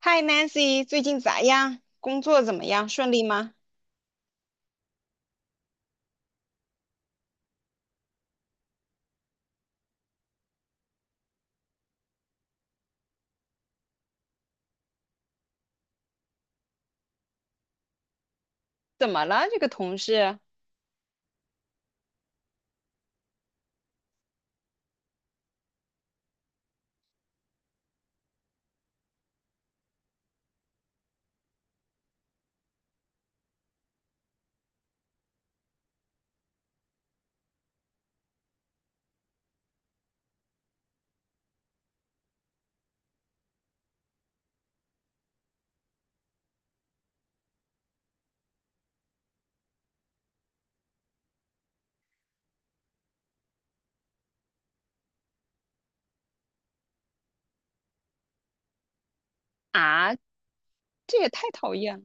嗨，Nancy，最近咋样？工作怎么样？顺利吗？怎么了？这个同事啊，这也太讨厌了。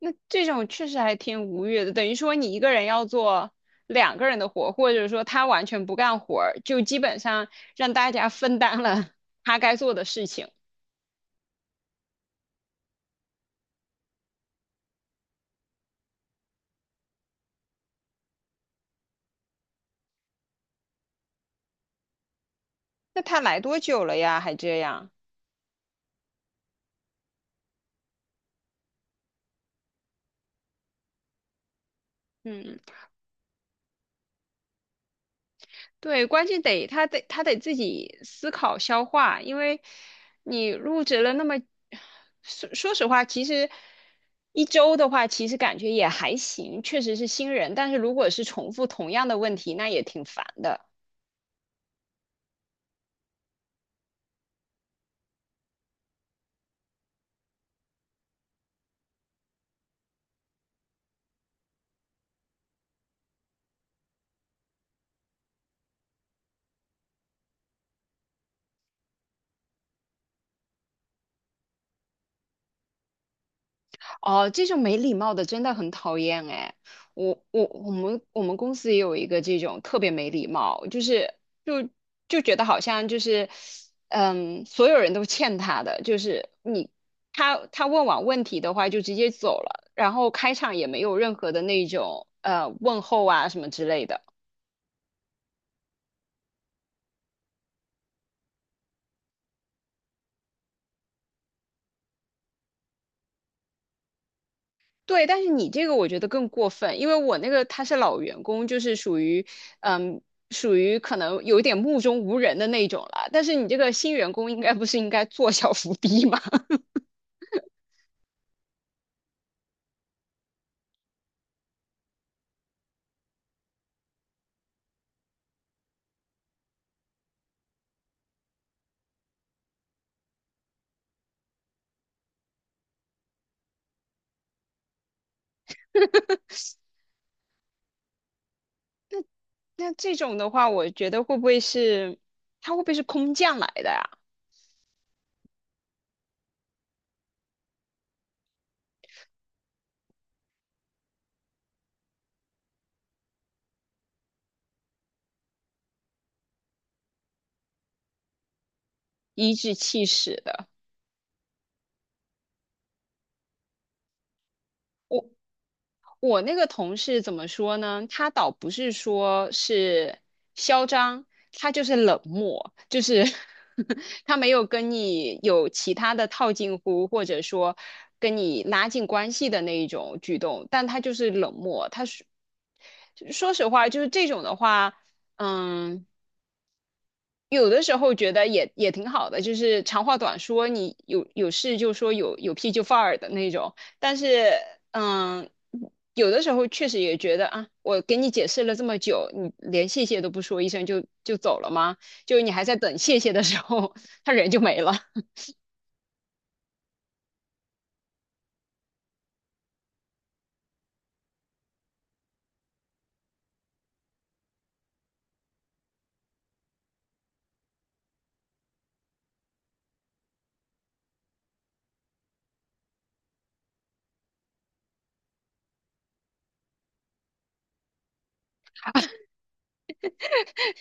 那这种确实还挺无语的，等于说你一个人要做两个人的活，或者说他完全不干活儿，就基本上让大家分担了 他该做的事情。那他来多久了呀？还这样？嗯。对，关键得他得自己思考消化，因为你入职了那么，说说实话，其实一周的话，其实感觉也还行，确实是新人，但是如果是重复同样的问题，那也挺烦的。哦，这种没礼貌的真的很讨厌哎！我们公司也有一个这种特别没礼貌，就就觉得好像就是嗯，所有人都欠他的，就是你他问完问题的话就直接走了，然后开场也没有任何的那种问候啊什么之类的。对，但是你这个我觉得更过分，因为我那个他是老员工，就是属于，嗯，属于可能有一点目中无人的那种了。但是你这个新员工应该不是应该做小伏低吗？那这种的话，我觉得会不会是他会不会是空降来的呀、颐指气使的。我那个同事怎么说呢？他倒不是说是嚣张，他就是冷漠，就是 他没有跟你有其他的套近乎，或者说跟你拉近关系的那一种举动，但他就是冷漠。他是说实话，就是这种的话，嗯。有的时候觉得也也挺好的，就是长话短说，你有事就说有屁就放儿的那种。但是，嗯，有的时候确实也觉得啊，我给你解释了这么久，你连谢谢都不说一声就走了吗？就你还在等谢谢的时候，他人就没了。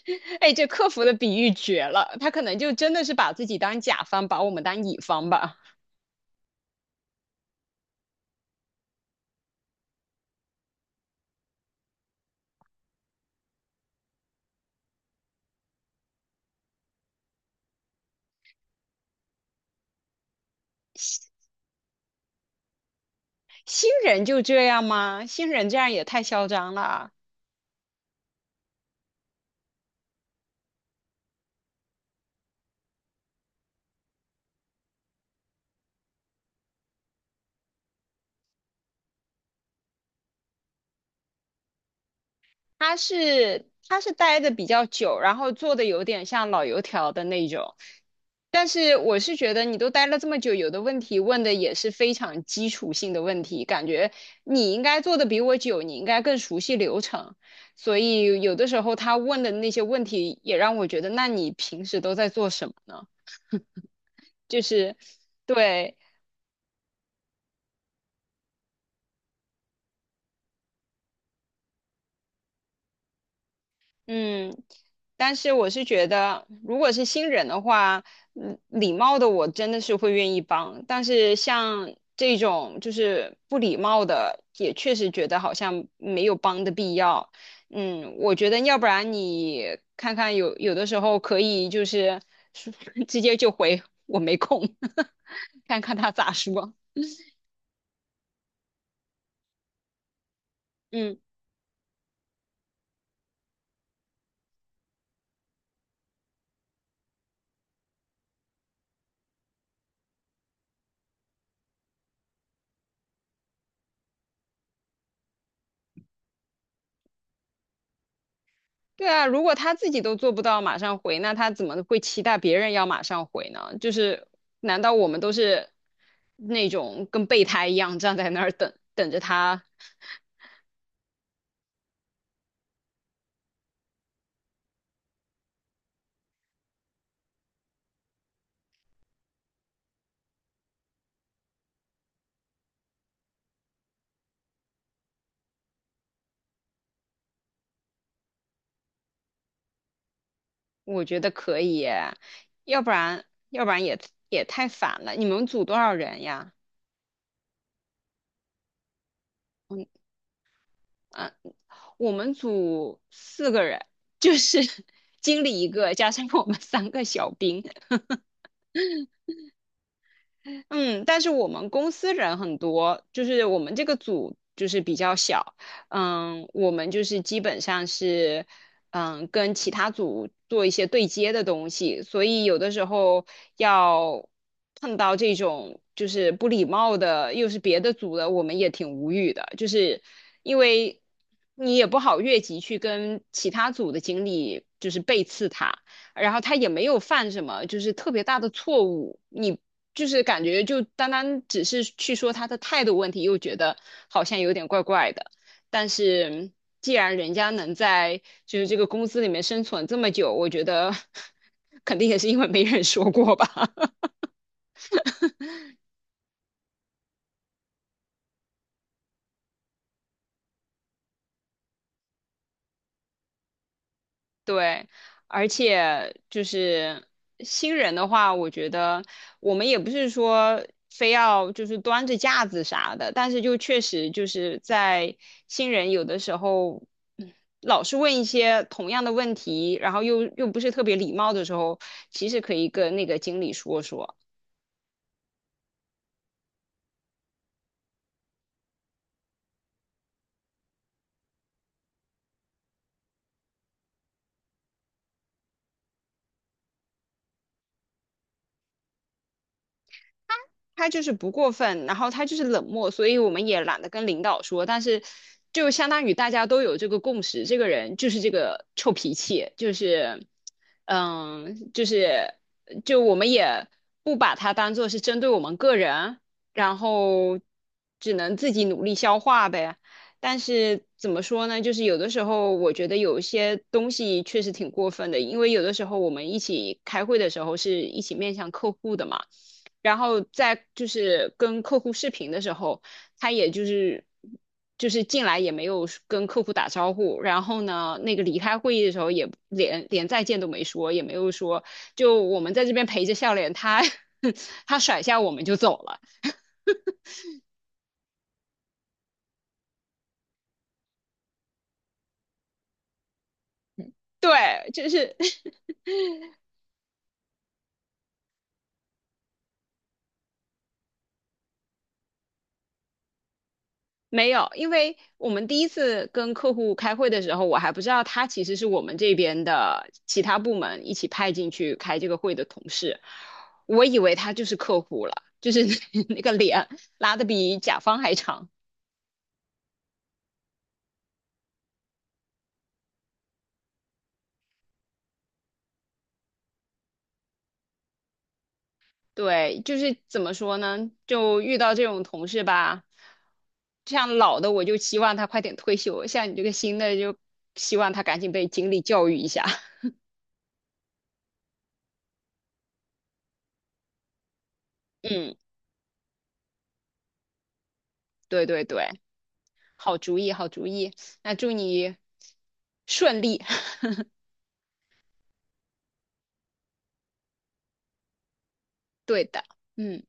哎，这客服的比喻绝了，他可能就真的是把自己当甲方，把我们当乙方吧。新人就这样吗？新人这样也太嚣张了。他是待的比较久，然后做的有点像老油条的那种。但是我是觉得你都待了这么久，有的问题问的也是非常基础性的问题，感觉你应该做的比我久，你应该更熟悉流程。所以有的时候他问的那些问题也让我觉得，那你平时都在做什么呢？就是，对，嗯，但是我是觉得，如果是新人的话，嗯礼貌的我真的是会愿意帮，但是像这种就是不礼貌的，也确实觉得好像没有帮的必要。嗯，我觉得要不然你看看有的时候可以就是 直接就回我没空，看看他咋说。嗯。对啊，如果他自己都做不到马上回，那他怎么会期待别人要马上回呢？就是，难道我们都是那种跟备胎一样站在那儿等着他？我觉得可以耶，要不然要不然也也太烦了。你们组多少人呀？嗯，我们组四个人，就是 经理一个，加上我们三个小兵，嗯，但是我们公司人很多，就是我们这个组就是比较小，嗯，我们就是基本上是，嗯，跟其他组做一些对接的东西，所以有的时候要碰到这种就是不礼貌的，又是别的组的，我们也挺无语的，就是因为你也不好越级去跟其他组的经理就是背刺他。然后他也没有犯什么就是特别大的错误，你就是感觉就单单只是去说他的态度问题，又觉得好像有点怪怪的。但是既然人家能在就是这个公司里面生存这么久，我觉得 肯定也是因为没人说过吧。对，而且就是新人的话，我觉得我们也不是说非要就是端着架子啥的，但是就确实就是在新人有的时候，嗯老是问一些同样的问题，然后又不是特别礼貌的时候，其实可以跟那个经理说说。他就是不过分，然后他就是冷漠，所以我们也懒得跟领导说。但是，就相当于大家都有这个共识，这个人就是这个臭脾气，就是，嗯，就是就我们也不把他当做是针对我们个人，然后只能自己努力消化呗。但是怎么说呢？就是有的时候，我觉得有一些东西确实挺过分的，因为有的时候我们一起开会的时候是一起面向客户的嘛。然后在就是跟客户视频的时候，他也就是就是进来也没有跟客户打招呼，然后呢，那个离开会议的时候也连再见都没说，也没有说就我们在这边陪着笑脸，他 他甩下我们就走了。对，就是没有，因为我们第一次跟客户开会的时候，我还不知道他其实是我们这边的其他部门一起派进去开这个会的同事，我以为他就是客户了，就是 那个脸拉的比甲方还长。对，就是怎么说呢，就遇到这种同事吧，像老的我就希望他快点退休，像你这个新的就希望他赶紧被经理教育一下。嗯，对对对。好主意，好主意。那祝你顺利。对的，嗯。